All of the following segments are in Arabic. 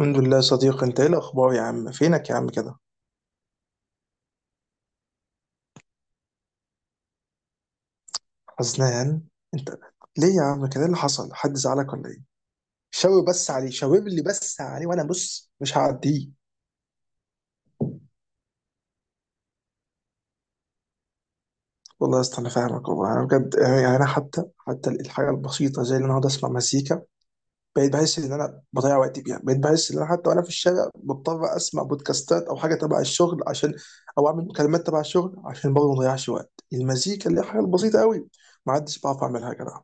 الحمد لله يا صديقي، انت ايه الاخبار يا عم؟ فينك يا عم كده؟ حزنان انت؟ ليه يا عم كده؟ ايه اللي حصل؟ حد زعلك ولا ايه؟ شاور بس عليه، شاور لي بس عليه، وانا بص مش هعديه. والله يا اسطى انا فاهمك والله. انا بجد يعني انا حتى الحاجه البسيطه زي ان انا اقعد اسمع مزيكا. بقيت بحس ان انا بضيع وقتي بيها. بقيت بحس ان انا حتى وانا في الشارع بضطر اسمع بودكاستات او حاجه تبع الشغل، عشان او اعمل مكالمات تبع الشغل عشان برضه ما اضيعش وقت، المزيكا اللي هي حاجه بسيطه قوي. ما عدتش بعرف اعملها يا جدع.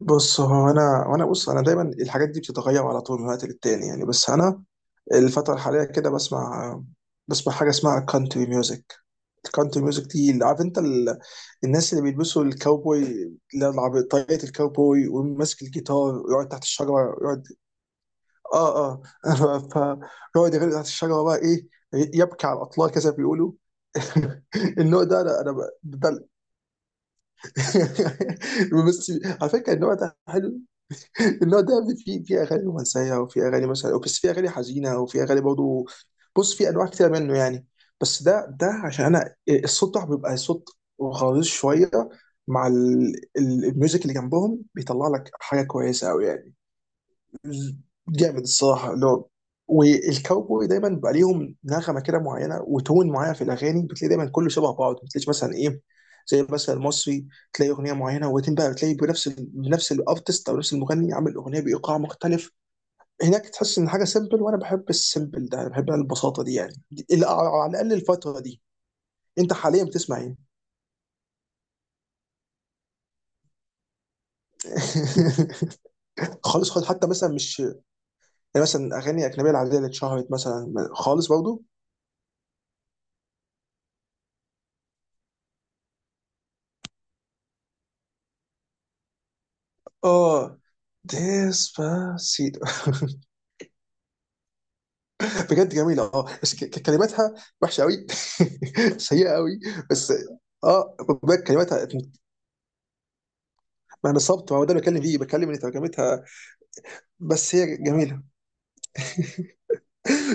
بص، هو انا وانا بص، انا دايما الحاجات دي بتتغير على طول من وقت للتاني يعني. بس انا الفتره الحاليه كده بسمع حاجه اسمها كانتري ميوزك. الكانتري ميوزك دي، اللي عارف انت الناس اللي بيلبسوا الكاوبوي، اللي هو طاقية الكاوبوي وماسك الجيتار ويقعد تحت الشجره، يقعد. اه، اه. فيقعد يغني تحت الشجره بقى ايه، يبكي على الاطلال كذا بيقولوا. النوع ده انا ده. بس. على فكره، النوع ده حلو. النوع ده يا ابني في اغاني رومانسيه، وفي اغاني مثلا، بس في اغاني حزينه، وفي اغاني برضه. بص، في انواع كتير منه يعني. بس ده عشان انا الصوت بتاعه بيبقى صوت غليظ شويه، مع الميوزك اللي جنبهم بيطلع لك حاجه كويسه قوي يعني. جامد الصراحه لو. والكاوبوي دايما بقى ليهم نغمه كده معينه وتون معين في الاغاني. بتلاقي دايما كله شبه بعض، ما بتلاقيش مثلا ايه زي مثلا المصري، تلاقي اغنيه معينه وبعدين بقى بتلاقي بنفس الارتست او نفس المغني عامل اغنيه بايقاع مختلف. هناك تحس ان حاجه سيمبل، وانا بحب السيمبل ده، انا بحب البساطه دي يعني، على الاقل الفتره دي. انت حاليا بتسمع ايه؟ خالص خالص، حتى مثلا مش يعني، مثلا اغاني اجنبيه العاديه اللي اتشهرت مثلا، خالص برضه. اه، ديسباسيتو. بجد جميلة اه، بس كلماتها وحشة قوي. سيئة قوي. بس اه بجد كلماتها. ما انا صبت، ما هو ده اللي بتكلم فيه، بتكلم ان ترجمتها. بس هي جميلة.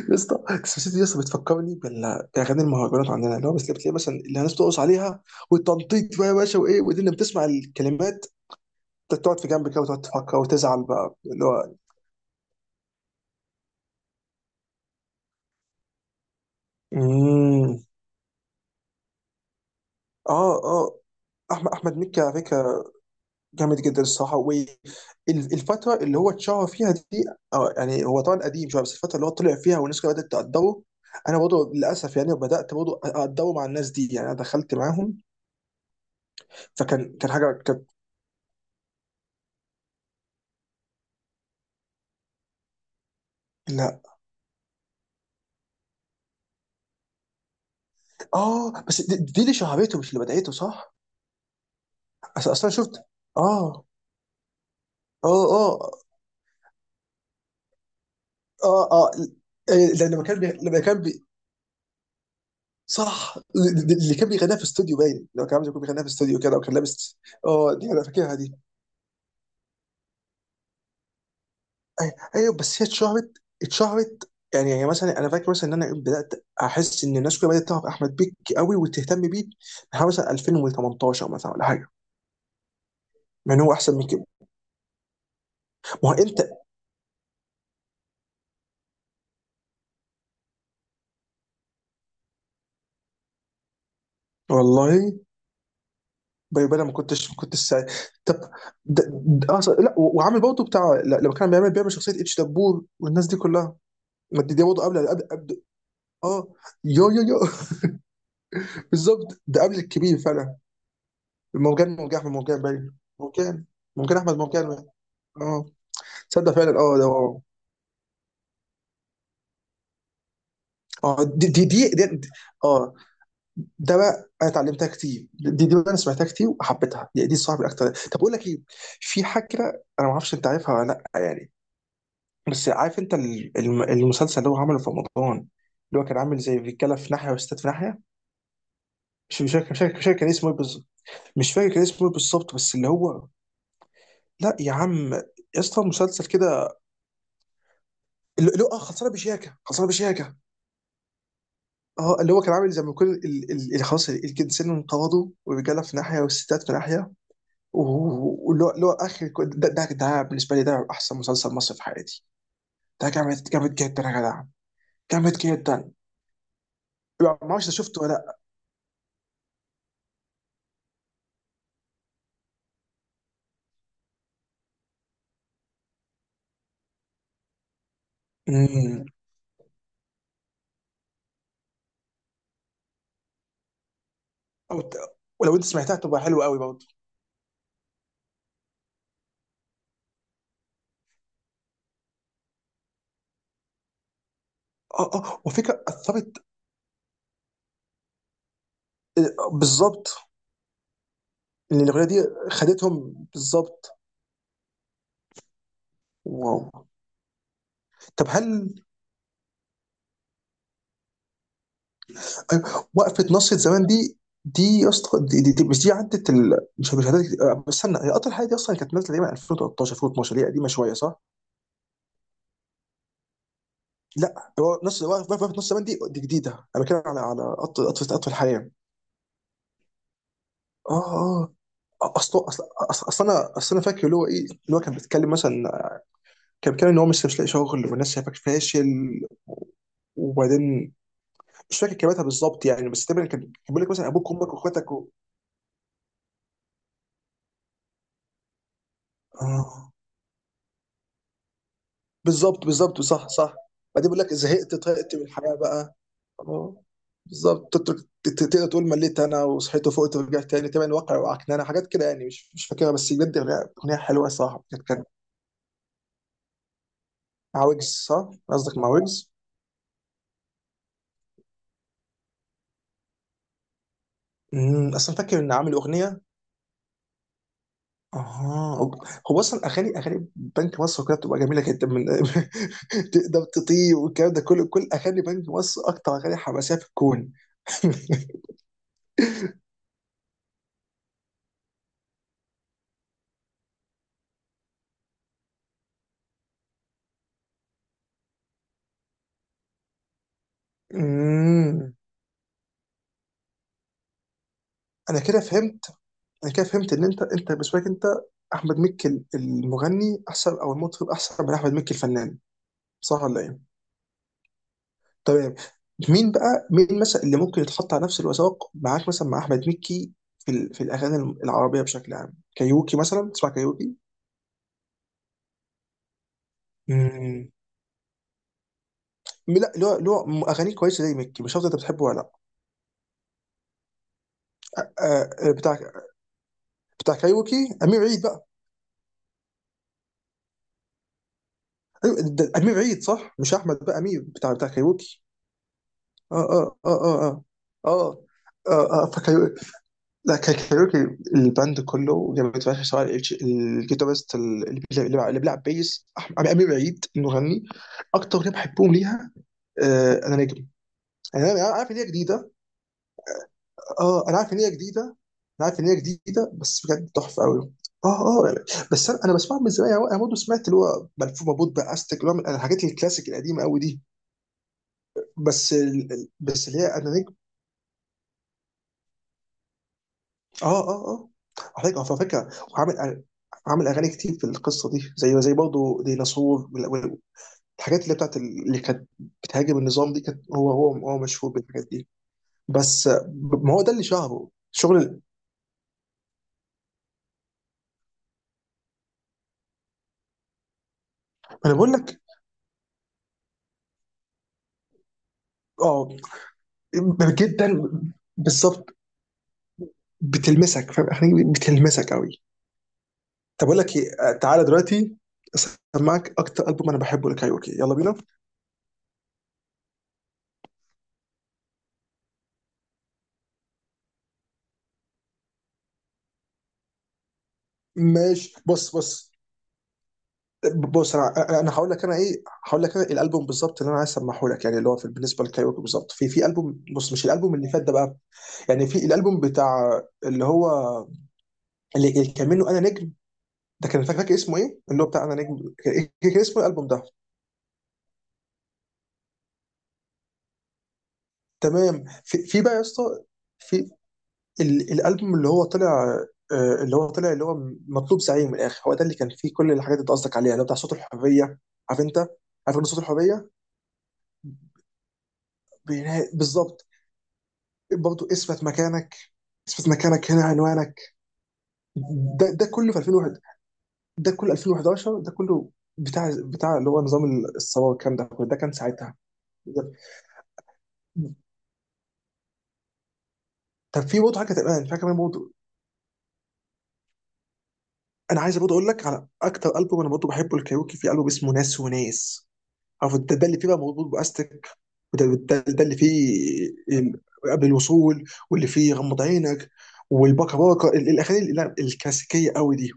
يا اسطى ديسباسيتو، يا اسطى بتفكرني باغاني المهرجانات عندنا، اللي هو بس بتلاقي مثلا اللي الناس بترقص عليها والتنطيط بقى يا باشا، وايه ودي اللي بتسمع الكلمات تقعد في جنبك كده وتقعد تفكر وتزعل بقى اللي هو. مم. اه، اه. احمد مكي على فكرة، جامد جدا الصراحه. والفتره اللي هو اتشهر فيها دي، يعني هو طبعا قديم شويه، بس الفتره اللي هو طلع فيها والناس كلها بدات تقدره، انا برضه للاسف يعني بدات برضه اقدره مع الناس دي يعني، انا دخلت معاهم. فكان كان حاجه كانت. لا. اه، بس دي اللي شهرته مش اللي بدايته صح؟ اصل انا شفت. اه، اه، اه، اه، اه. ده لما كان بي... صح. اللي كان بيغنيها في استوديو باين، لما كان عامل زي يكون بيغنيها في استوديو كده وكان لابس. اه، دي انا فاكرها دي. ايوه، بس هي اتشهرت يعني مثلا انا فاكر مثلا ان انا بدات احس ان الناس كلها بدات تعرف احمد بيك قوي وتهتم بيه من مثلا 2018 مثلا، ولا حاجه، مع ان هو احسن من كده. ما هو انت. والله. باي باي، ما كنتش طب، ده أصلا لا وعامل برضه بتاع لما كان بيعمل شخصيه اتش دبور والناس دي كلها. ما دي برضه قبل قبل قبل. اه. يو يو يو. بالظبط، ده قبل الكبير فعلا. مرجان احمد مرجان، باين مرجان. مرجان احمد مرجان. اه. تصدق فعلا، اه ده هو. اه دي. اه، ده بقى انا اتعلمتها كتير. دي انا سمعتها كتير وحبيتها. دي صعبه اكتر. طب اقول لك ايه، في حاجه. انا ما اعرفش انت عارفها ولا لا يعني، بس عارف انت المسلسل اللي هو عمله في رمضان، اللي هو كان عامل زي رجاله في ناحيه وستات في ناحيه. مش فاكر كان اسمه ايه بالظبط. مش فاكر كان اسمه ايه بالظبط، بس اللي هو. لا يا عم. يا اسطى، مسلسل كده، اللي هو خلصانه بشياكه. اه، اللي هو كان عامل زي ما يكون اللي خلاص الجنسين انقرضوا، والرجاله في ناحيه والستات في ناحيه، واللي هو ده بالنسبه لي، ده احسن مسلسل مصري في حياتي. ده جامد جامد جدا يا جدع، جامد جدا. ما اعرفش إذا شفته ولا لا. أمم. أو ت- ولو انت سمعتها تبقى حلوه قوي برضه. اه، اه، وفكره اثرت. بالظبط. ان الاغنيه دي خدتهم بالظبط. واو. طب هل. أيوة، وقفه نصره زمان دي، دي يا اسطى دي مش دي عدت مش عدت، بس استنى. هي اطول حاجه دي اصلا كانت نازله تقريبا 2013 2012، دي قديمه شويه صح؟ لا، هو نص وقفة نص زمان. دي جديده. انا بتكلم على اطول اطول اطول حياه. اه، اه. اصل اصل اصل أصل انا فاكر اللي هو ايه، اللي هو كان بيتكلم مثلا، كان بيتكلم ان هو مش لاقي شغل، والناس شايفاك فاشل. وبعدين مش فاكر كلماتها بالظبط يعني، بس تقريبا كان بيقول لك مثلا ابوك وامك واخواتك آه. بالظبط، بالظبط، صح، صح. بعدين بيقول لك زهقت، طهقت من الحياه بقى. اه، بالظبط، تقدر تقول مليت، انا وصحيت وفقت ورجعت تاني تبع الواقع، وعكنانه حاجات كده يعني. مش فاكرها، بس بجد أغنية حلوه، صح كانت. مع ويجز صح قصدك؟ مع ويجز. اصلا فاكر ان عامل اغنيه. اها. هو اصلا اغاني بنك مصر كده بتبقى جميله جدا من. تقدر تطير والكلام ده كله. كل اغاني بنك مصر اكتر اغاني حماسيه في الكون. امم. انا كده فهمت. انا كده فهمت ان انت بالنسبه لك انت احمد مكي المغني احسن او المطرب احسن من احمد مكي الفنان. صح ولا ايه؟ تمام. مين بقى، مين مثلا اللي ممكن يتحط على نفس الوثائق معاك، مثلا مع احمد مكي، في في الاغاني العربيه بشكل عام. كايروكي مثلا، تسمع كايروكي؟ امم لا، اللي هو اغانيه كويسه زي مكي، مش عارف انت بتحبه ولا لا. آه، آه، بتاع بتاع كايروكي، امير عيد بقى. أيوة، ده امير عيد صح، مش احمد بقى، امير بتاع كايروكي. اه، اه، اه، اه، اه، اه، اه. لا، كان كايروكي. الباند كله جابت فشخ، سواء الجيتارست، اللي بيلعب بيس، امير عيد المغني. اكتر اغنيه بحبهم ليها آه انا نجم. يعني انا عارف ان هي جديده. اه، انا عارف ان هي جديده. انا عارف ان هي جديده، بس بجد تحفه قوي. اه، اه، يعني، بس انا بسمعها من زمان يعني. انا برضه سمعت اللي هو ملفوف مربوط باستك، اللي هو من الحاجات الكلاسيك القديمه قوي دي. بس اللي هي انا نجم. اه، اه، اه. على فكره وعامل، عامل اغاني كتير في القصه دي، زي برضه ديناصور الحاجات اللي بتاعت اللي كانت بتهاجم النظام دي كانت. هو مشهور بالحاجات دي. بس ما هو ده اللي شهره شغل انا بقول لك. اه، جدا، بالظبط. بتلمسك، فاهم، اغاني بتلمسك قوي. طب اقول لك ايه، تعالى دلوقتي اسمعك اكتر البوم انا بحبه لكايروكي. يلا بينا. ماشي، بص، بص. بص، انا هقول لك انا ايه، هقول لك انا الالبوم بالظبط اللي انا عايز اسمعه لك يعني، اللي هو في بالنسبه للكايروكي بالظبط، في البوم، بص مش الالبوم اللي فات ده بقى. يعني في الالبوم بتاع اللي هو، اللي كان منه انا نجم. ده كان فاكر اسمه ايه، اللي هو بتاع انا نجم. كان كان اسمه الالبوم ده؟ تمام. في بقى يا اسطى، في الالبوم اللي هو طلع، اللي هو طلع اللي هو مطلوب زعيم. من الاخر هو ده اللي كان فيه كل الحاجات اللي انت قصدك عليها، اللي هو بتاع صوت الحريه. عارف انت؟ عارف ان صوت الحريه، بالظبط. برضه اثبت مكانك، اثبت مكانك هنا عنوانك. ده كله في 2001، ده كله 2011، ده كله بتاع اللي هو نظام الثوره والكلام ده كله. ده كان ساعتها. ده- طب في برضه حاجه كانت الان، في حاجه كمان برضه. انا عايز برضه اقول لك على اكتر البوم انا برضه بحبه الكايروكي، في البوم اسمه ناس وناس. عارف ده اللي فيه بقى مربوط باستك، وده ده, ده اللي فيه ال- قبل الوصول، واللي فيه غمض عينك، والباكا باكا الاغاني الكلاسيكيه قوي دي.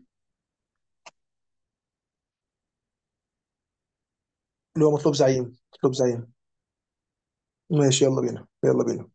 اللي هو مطلوب زعيم، مطلوب زعيم. ماشي، يلا بينا، يلا بينا.